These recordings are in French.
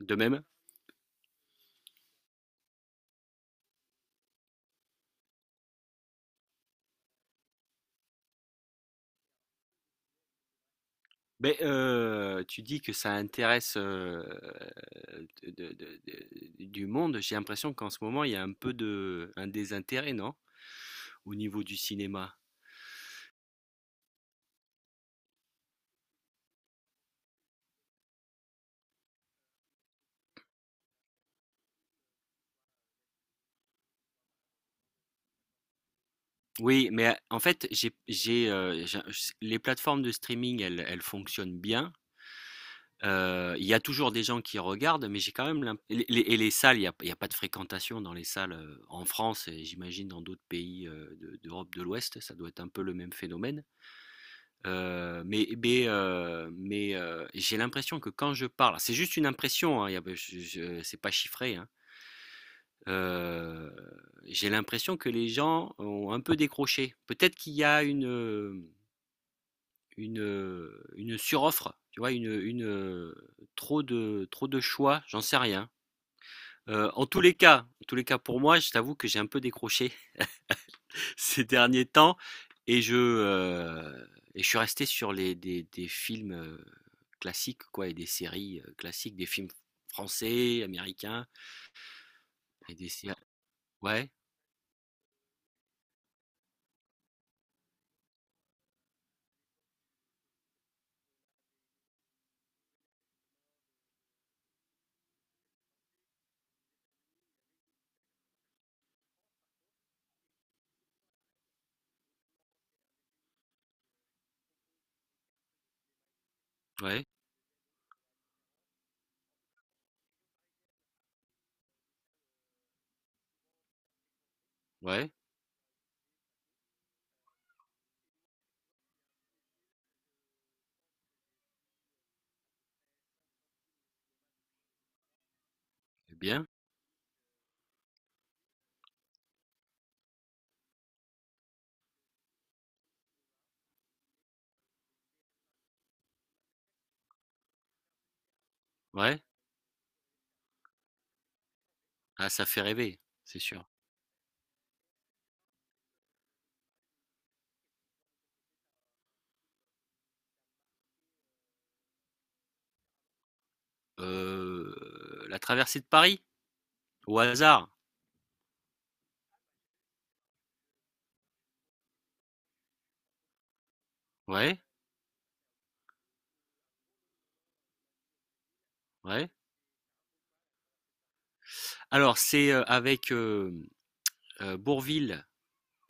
De même. Ben, tu dis que ça intéresse du monde. J'ai l'impression qu'en ce moment, il y a un peu un désintérêt, non? Au niveau du cinéma. Oui, mais en fait, les plateformes de streaming, elles fonctionnent bien. Il y a toujours des gens qui regardent, mais j'ai quand même l'imp- et les salles, il y a pas de fréquentation dans les salles en France et j'imagine dans d'autres pays d'Europe de l'Ouest, ça doit être un peu le même phénomène. J'ai l'impression que quand je parle c'est juste une impression, hein, y a je c'est pas chiffré, hein. Heu, j'ai l'impression que les gens ont un peu décroché. Peut-être qu'il y a une suroffre, tu vois? Une, trop de choix, j'en sais rien. En tous les cas en tous les cas pour moi, je t'avoue que j'ai un peu décroché ces derniers temps. Et je, euh, et je suis resté sur des films classiques, quoi, et des séries classiques, des films français, américains, et des séries. Ouais, ouais, ouais, c'est bien, ouais. Ah, ça fait rêver, c'est sûr. La traversée de Paris, au hasard. Ouais, ouais. Alors, c'est avec Bourvil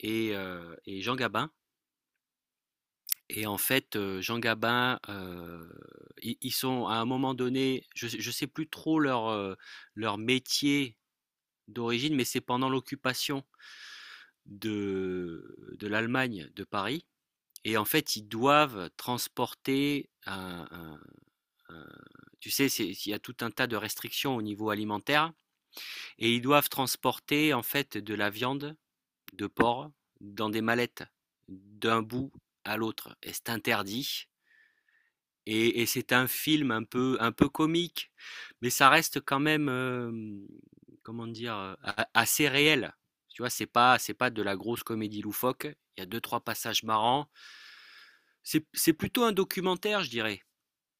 et Jean Gabin. Et en fait, Jean Gabin, ils sont à un moment donné, je ne sais plus trop leur métier d'origine, mais c'est pendant l'occupation de l'Allemagne de Paris et en fait, ils doivent transporter un tu sais, c'est il y a tout un tas de restrictions au niveau alimentaire et ils doivent transporter en fait de la viande de porc dans des mallettes d'un bout à l'autre et c'est interdit. Et c'est un film un peu comique, mais ça reste quand même, comment dire, assez réel. Tu vois, c'est pas de la grosse comédie loufoque. Il y a deux, trois passages marrants. C'est plutôt un documentaire, je dirais.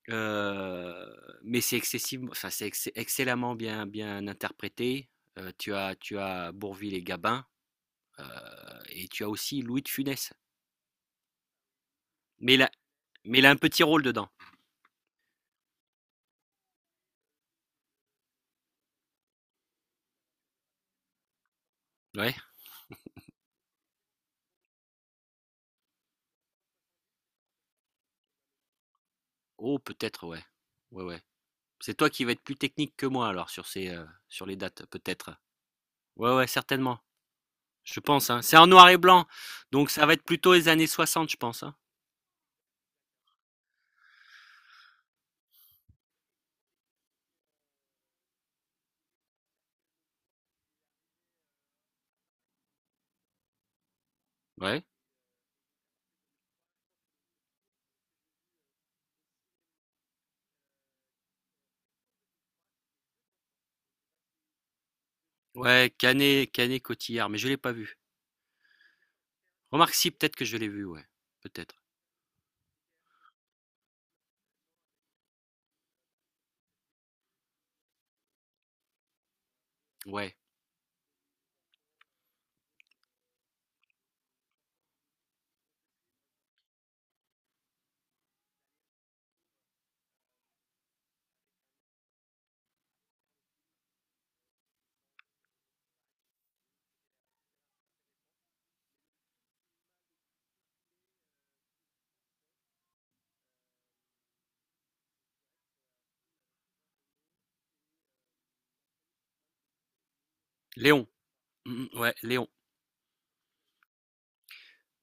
Euh, mais c'est excessivement, enfin, c'est excellemment bien, bien interprété. Tu as Bourvil et Gabin, euh, et tu as aussi Louis de Funès. Mais il a, mais il a un petit rôle dedans. Ouais. Oh, peut-être, ouais. Ouais, ouais. C'est toi qui vas être plus technique que moi alors sur les dates peut-être. Ouais ouais certainement. Je pense, hein. C'est en noir et blanc. Donc ça va être plutôt les années 60, je pense, hein. Ouais. Ouais, Canet Cotillard, mais je l'ai pas vu. Remarque si peut-être que je l'ai vu, ouais. Peut-être. Ouais. Léon. Mhm, ouais, Léon.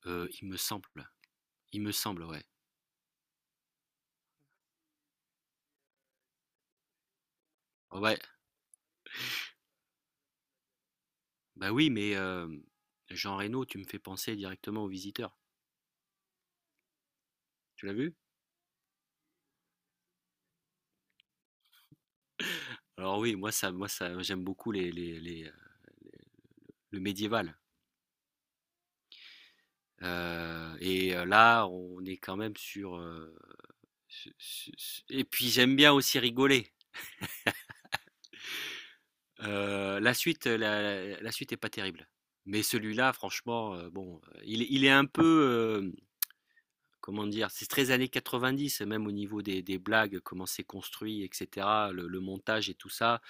Il me semble. Il me semble, ouais. Oh, ouais. Bah oui, mais Jean Reno, tu me fais penser directement aux Visiteurs. Tu l'as vu? Alors oui, moi ça j'aime beaucoup le médiéval. Là, on est quand même sur, su su su et puis j'aime bien aussi rigoler. La suite est pas terrible. Mais celui-là, franchement, bon, il est un peu, comment dire? C'est très années 90, même au niveau des blagues, comment c'est construit, et cetera, le montage et tout ça,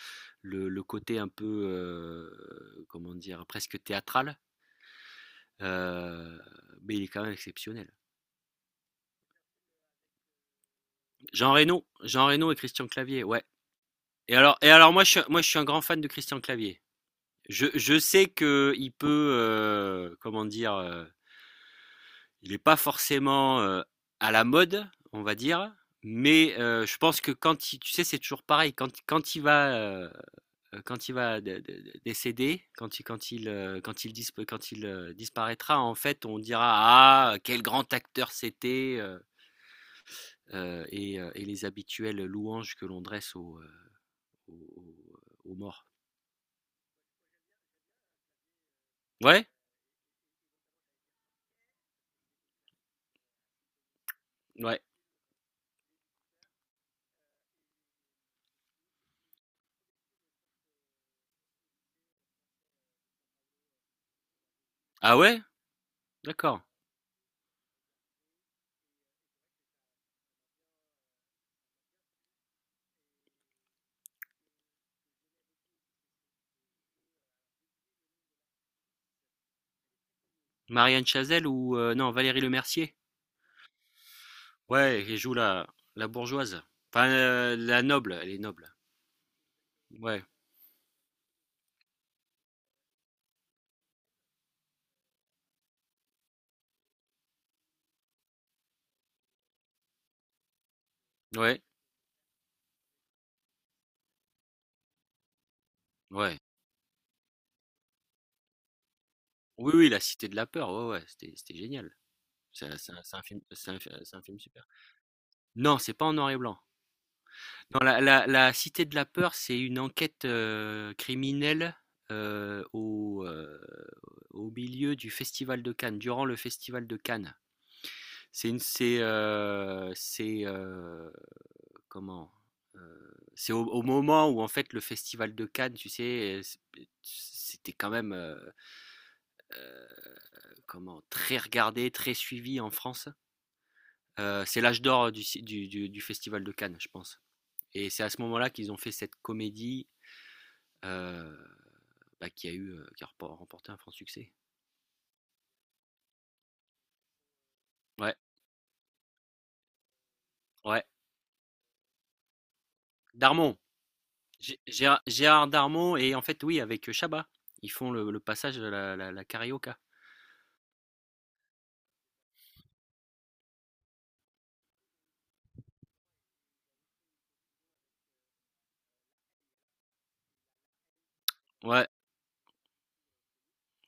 le côté un peu, comment dire? Presque théâtral, heu, mais il est quand même exceptionnel. Jean Reno et Christian Clavier, ouais. Et alors moi, je suis, moi, je suis, un grand fan de Christian Clavier. Je sais que il peut, comment dire, il n'est pas forcément à la mode, on va dire, mais je pense que quand il, tu sais, c'est toujours pareil, quand quand il va décéder, disp- quand il disparaîtra, en fait, on dira ah quel grand acteur c'était, et les habituelles louanges que l'on dresse aux morts. Ouais, ouais. Ah ouais? D'accord. Marianne Chazelle ou non, Valérie Lemercier? Ouais, elle joue la bourgeoise. Enfin, la noble, elle est noble. Ouais, ouais, ouais. Oui, oui, La Cité de la peur, ouais, ouais, c'était génial. C'est un c'est un c'est un film c'est un c'est un film super. Non, c'est pas en noir et blanc. Non, La Cité de la peur, c'est une enquête, criminelle, heu, au, heu, au milieu du festival de Cannes, durant le festival de Cannes. C'est une c'est, comment c'est au, au moment où en fait le festival de Cannes, tu sais, c'était quand même comment très regardé, très suivi en France. C'est l'âge d'or du festival de Cannes, je pense. Et c'est à ce moment-là qu'ils ont fait cette comédie euh, bah, qui a remporté un franc succès. Ouais, ouais. Darmon. Gérard Darmon et en fait oui avec Chabat, ils font le passage de la carioca. Ouais,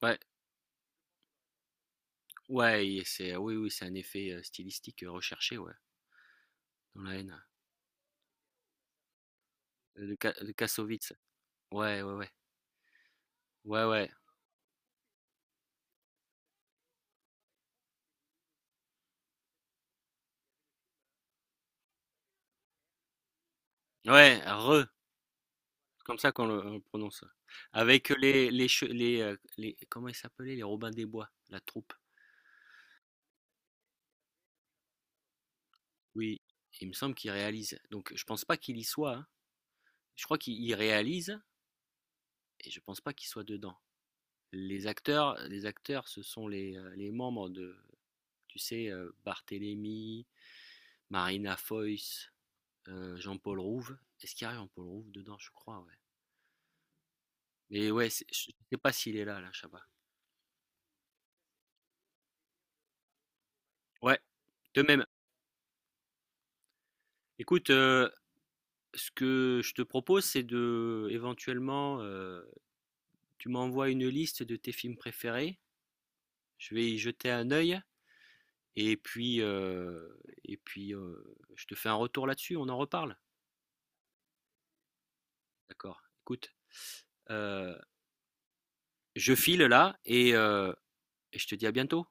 ouais. Ouais, et c'est oui, oui, c'est un effet, stylistique, recherché, ouais, dans La Haine. De Ka de Kassovitz. Ouais, ouais, ouais. Ouais, ouais. Ouais, Re, comme ça qu'on le prononce. Ouais. Avec les, comment ils s'appelaient? Les Robins des Bois, la troupe. Oui, il me semble qu'il réalise. Donc je pense pas qu'il y soit, hein. Je crois qu'il il réalise et je pense pas qu'il soit dedans. Les acteurs, ce sont les membres de tu sais, Barthélemy, Marina Foïs, Jean-Paul Rouve. Est-ce qu'il y a Jean-Paul Rouve dedans? Je crois, ouais. Mais ouais, je ne sais pas s'il est là, là, Chabat. Ouais, de même. Écoute, ce que je te propose, c'est de éventuellement, tu m'envoies une liste de tes films préférés. Je vais y jeter un œil et puis, je te fais un retour là-dessus, on en reparle? D'accord. Écoute, heu, je file là et je te dis à bientôt.